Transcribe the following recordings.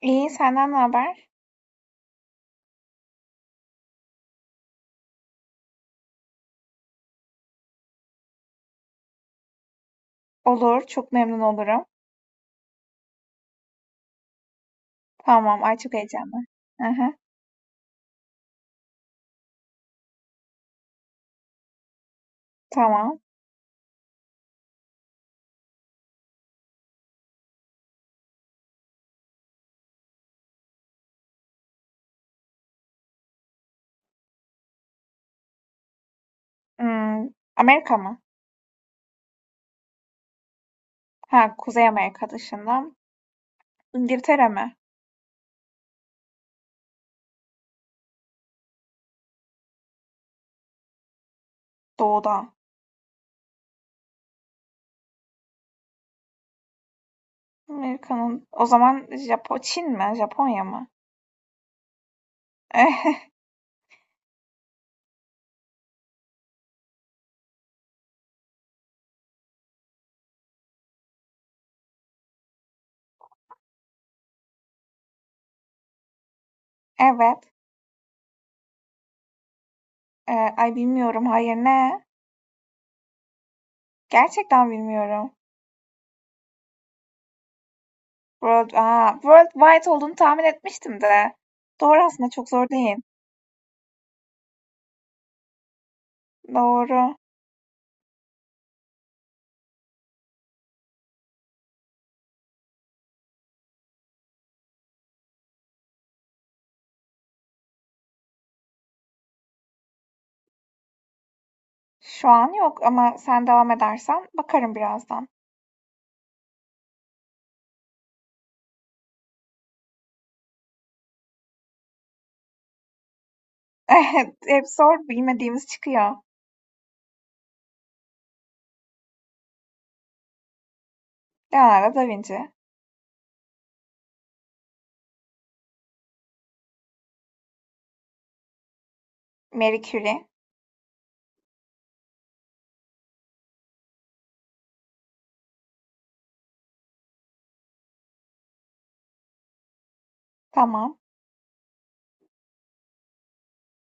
İyi, senden ne haber? Olur, çok memnun olurum. Tamam, ay çok heyecanlı. Aha, tamam. Hmm, Amerika mı? Ha, Kuzey Amerika dışında. İngiltere mi? Doğuda. Amerika'nın, o zaman Japo Çin mi? Japonya mı? Evet. Ay bilmiyorum, hayır ne? Gerçekten bilmiyorum. World, aa, Worldwide olduğunu tahmin etmiştim de. Doğru aslında, çok zor değil. Doğru. Şu an yok ama sen devam edersen bakarım birazdan. Hep zor bilmediğimiz çıkıyor. Leonardo da Vinci. Marie Curie. Tamam.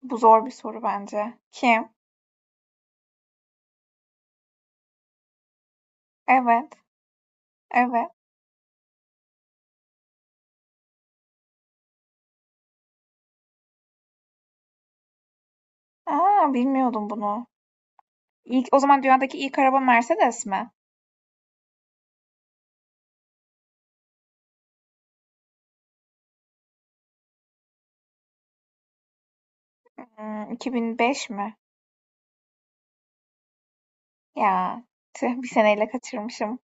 Bu zor bir soru bence. Kim? Evet. Evet. Aa bilmiyordum bunu. İlk, o zaman dünyadaki ilk araba Mercedes mi? Hmm, 2005 mi? Ya tüh, bir seneyle kaçırmışım.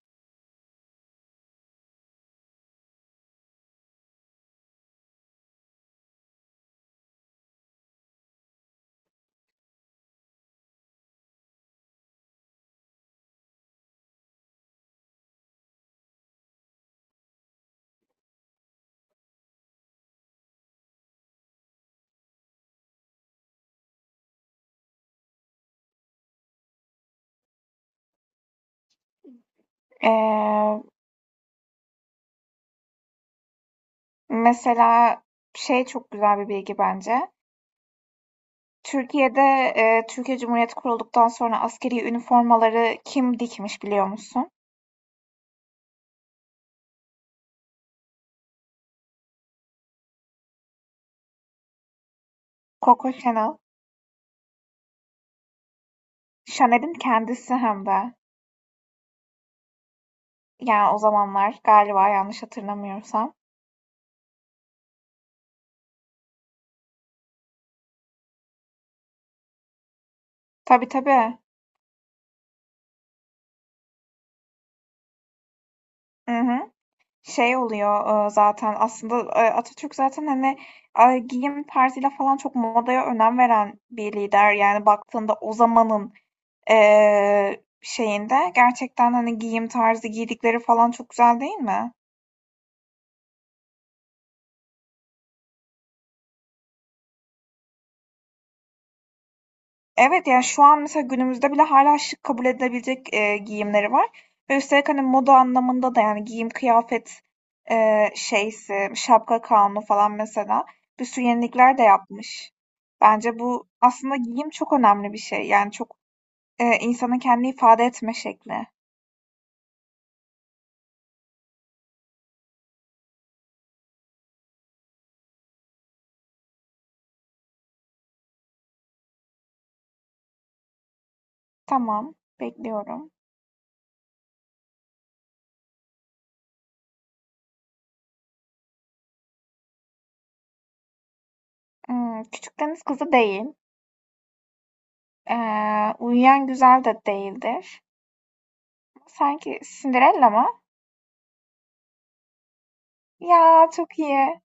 Ee, Mesela şey çok güzel bir bilgi bence. Türkiye'de Türkiye Cumhuriyeti kurulduktan sonra askeri üniformaları kim dikmiş biliyor musun? Coco Chanel. Şaner'in kendisi hem de. Yani o zamanlar galiba yanlış hatırlamıyorsam. Tabii tabii. Hı hı. Şey oluyor zaten aslında Atatürk zaten hani giyim tarzıyla falan çok modaya önem veren bir lider. Yani baktığında o zamanın şeyinde gerçekten hani giyim tarzı giydikleri falan çok güzel değil mi? Evet, yani şu an mesela günümüzde bile hala şık kabul edilebilecek, giyimleri var ve üstelik, hani, moda anlamında da, yani, giyim kıyafet, şeysi, şapka kanunu falan mesela bir sürü yenilikler de yapmış. Bence bu aslında giyim çok önemli bir şey. Yani çok, insanın kendini ifade etme şekli. Tamam, bekliyorum. Küçük Deniz Kızı değil. Uyuyan Güzel de değildir. Sanki Cinderella mı? Ya, çok iyi.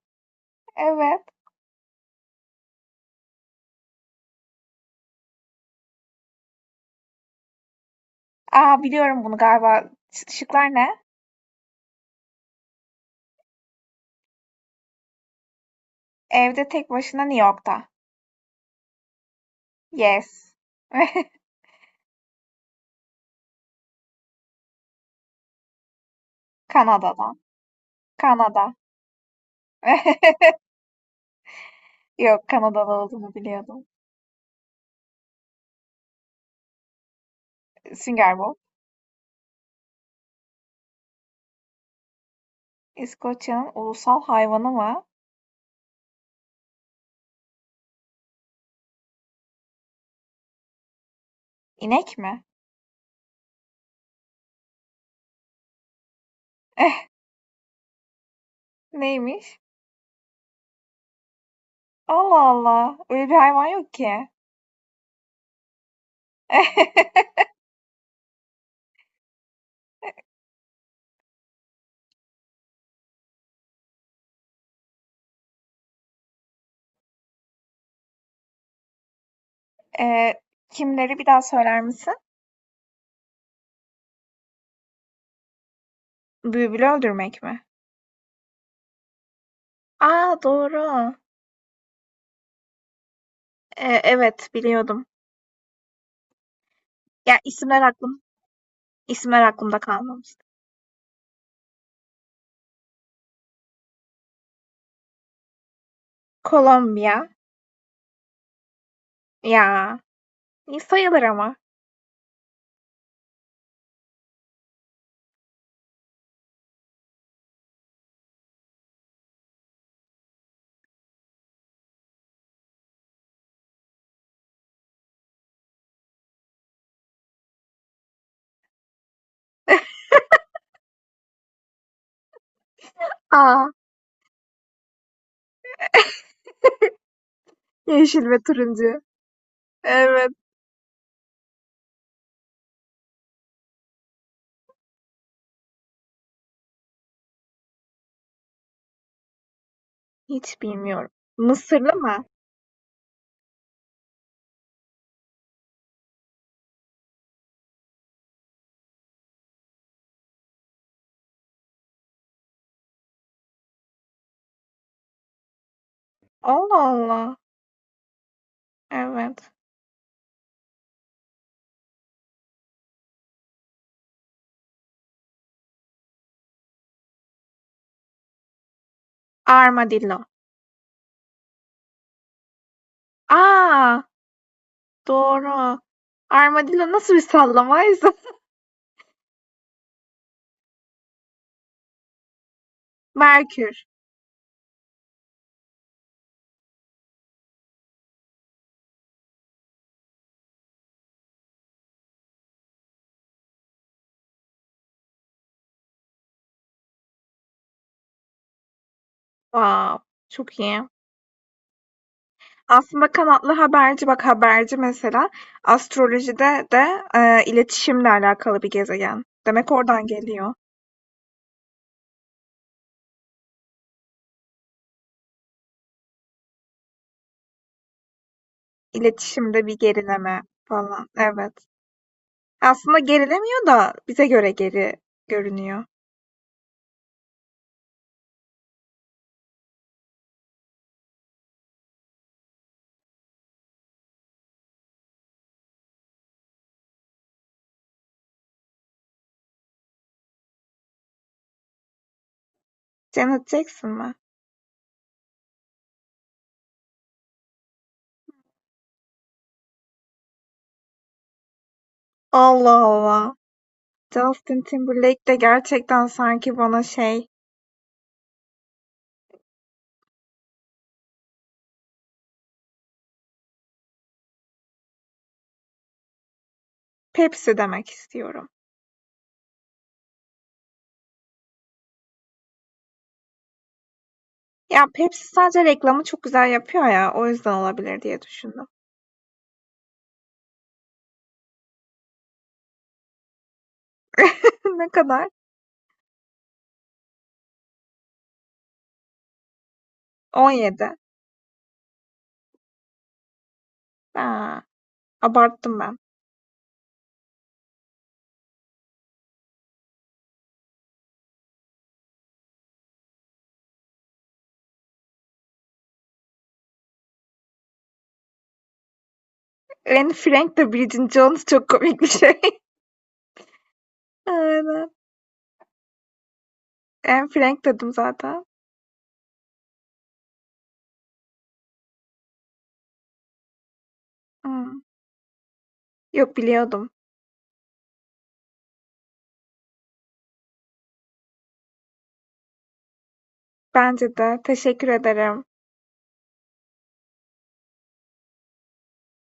Evet. Aa biliyorum bunu galiba. Şıklar ne? Evde tek başına New York'ta. Yes. Kanada'da. Kanada. Yok, Kanada'da olduğunu biliyordum. Sünger Bob. İskoçya'nın ulusal hayvanı mı? İnek mi? Neymiş? Allah Allah. Öyle bir hayvan yok ki. Ee, Kimleri bir daha söyler misin? Bülbülü öldürmek mi? Aa doğru. Evet biliyordum. Ya isimler aklım, isimler aklımda kalmamış. Kolombiya. Ya, iyi sayılır ama. Aa, yeşil ve turuncu. Evet. Hiç bilmiyorum. Mısırlı mı? Allah Allah. Evet. Armadillo. Aa, doğru. Armadillo nasıl bir sallamaydı? Merkür. Wow, çok iyi. Aslında kanatlı haberci, bak haberci mesela astrolojide de iletişimle alakalı bir gezegen. Demek oradan geliyor. İletişimde bir gerileme falan. Evet. Aslında gerilemiyor da bize göre geri görünüyor. Janet Jackson mı? Allah Allah. Justin Timberlake de gerçekten sanki bana şey Pepsi demek istiyorum. Ya Pepsi sadece reklamı çok güzel yapıyor ya o yüzden olabilir diye düşündüm. Ne kadar? 17. Ha, abarttım ben. Anne Frank de Bridget Jones çok komik bir şey. Aynen. Anne Frank dedim zaten. Hmm. Yok biliyordum. Bence de. Teşekkür ederim.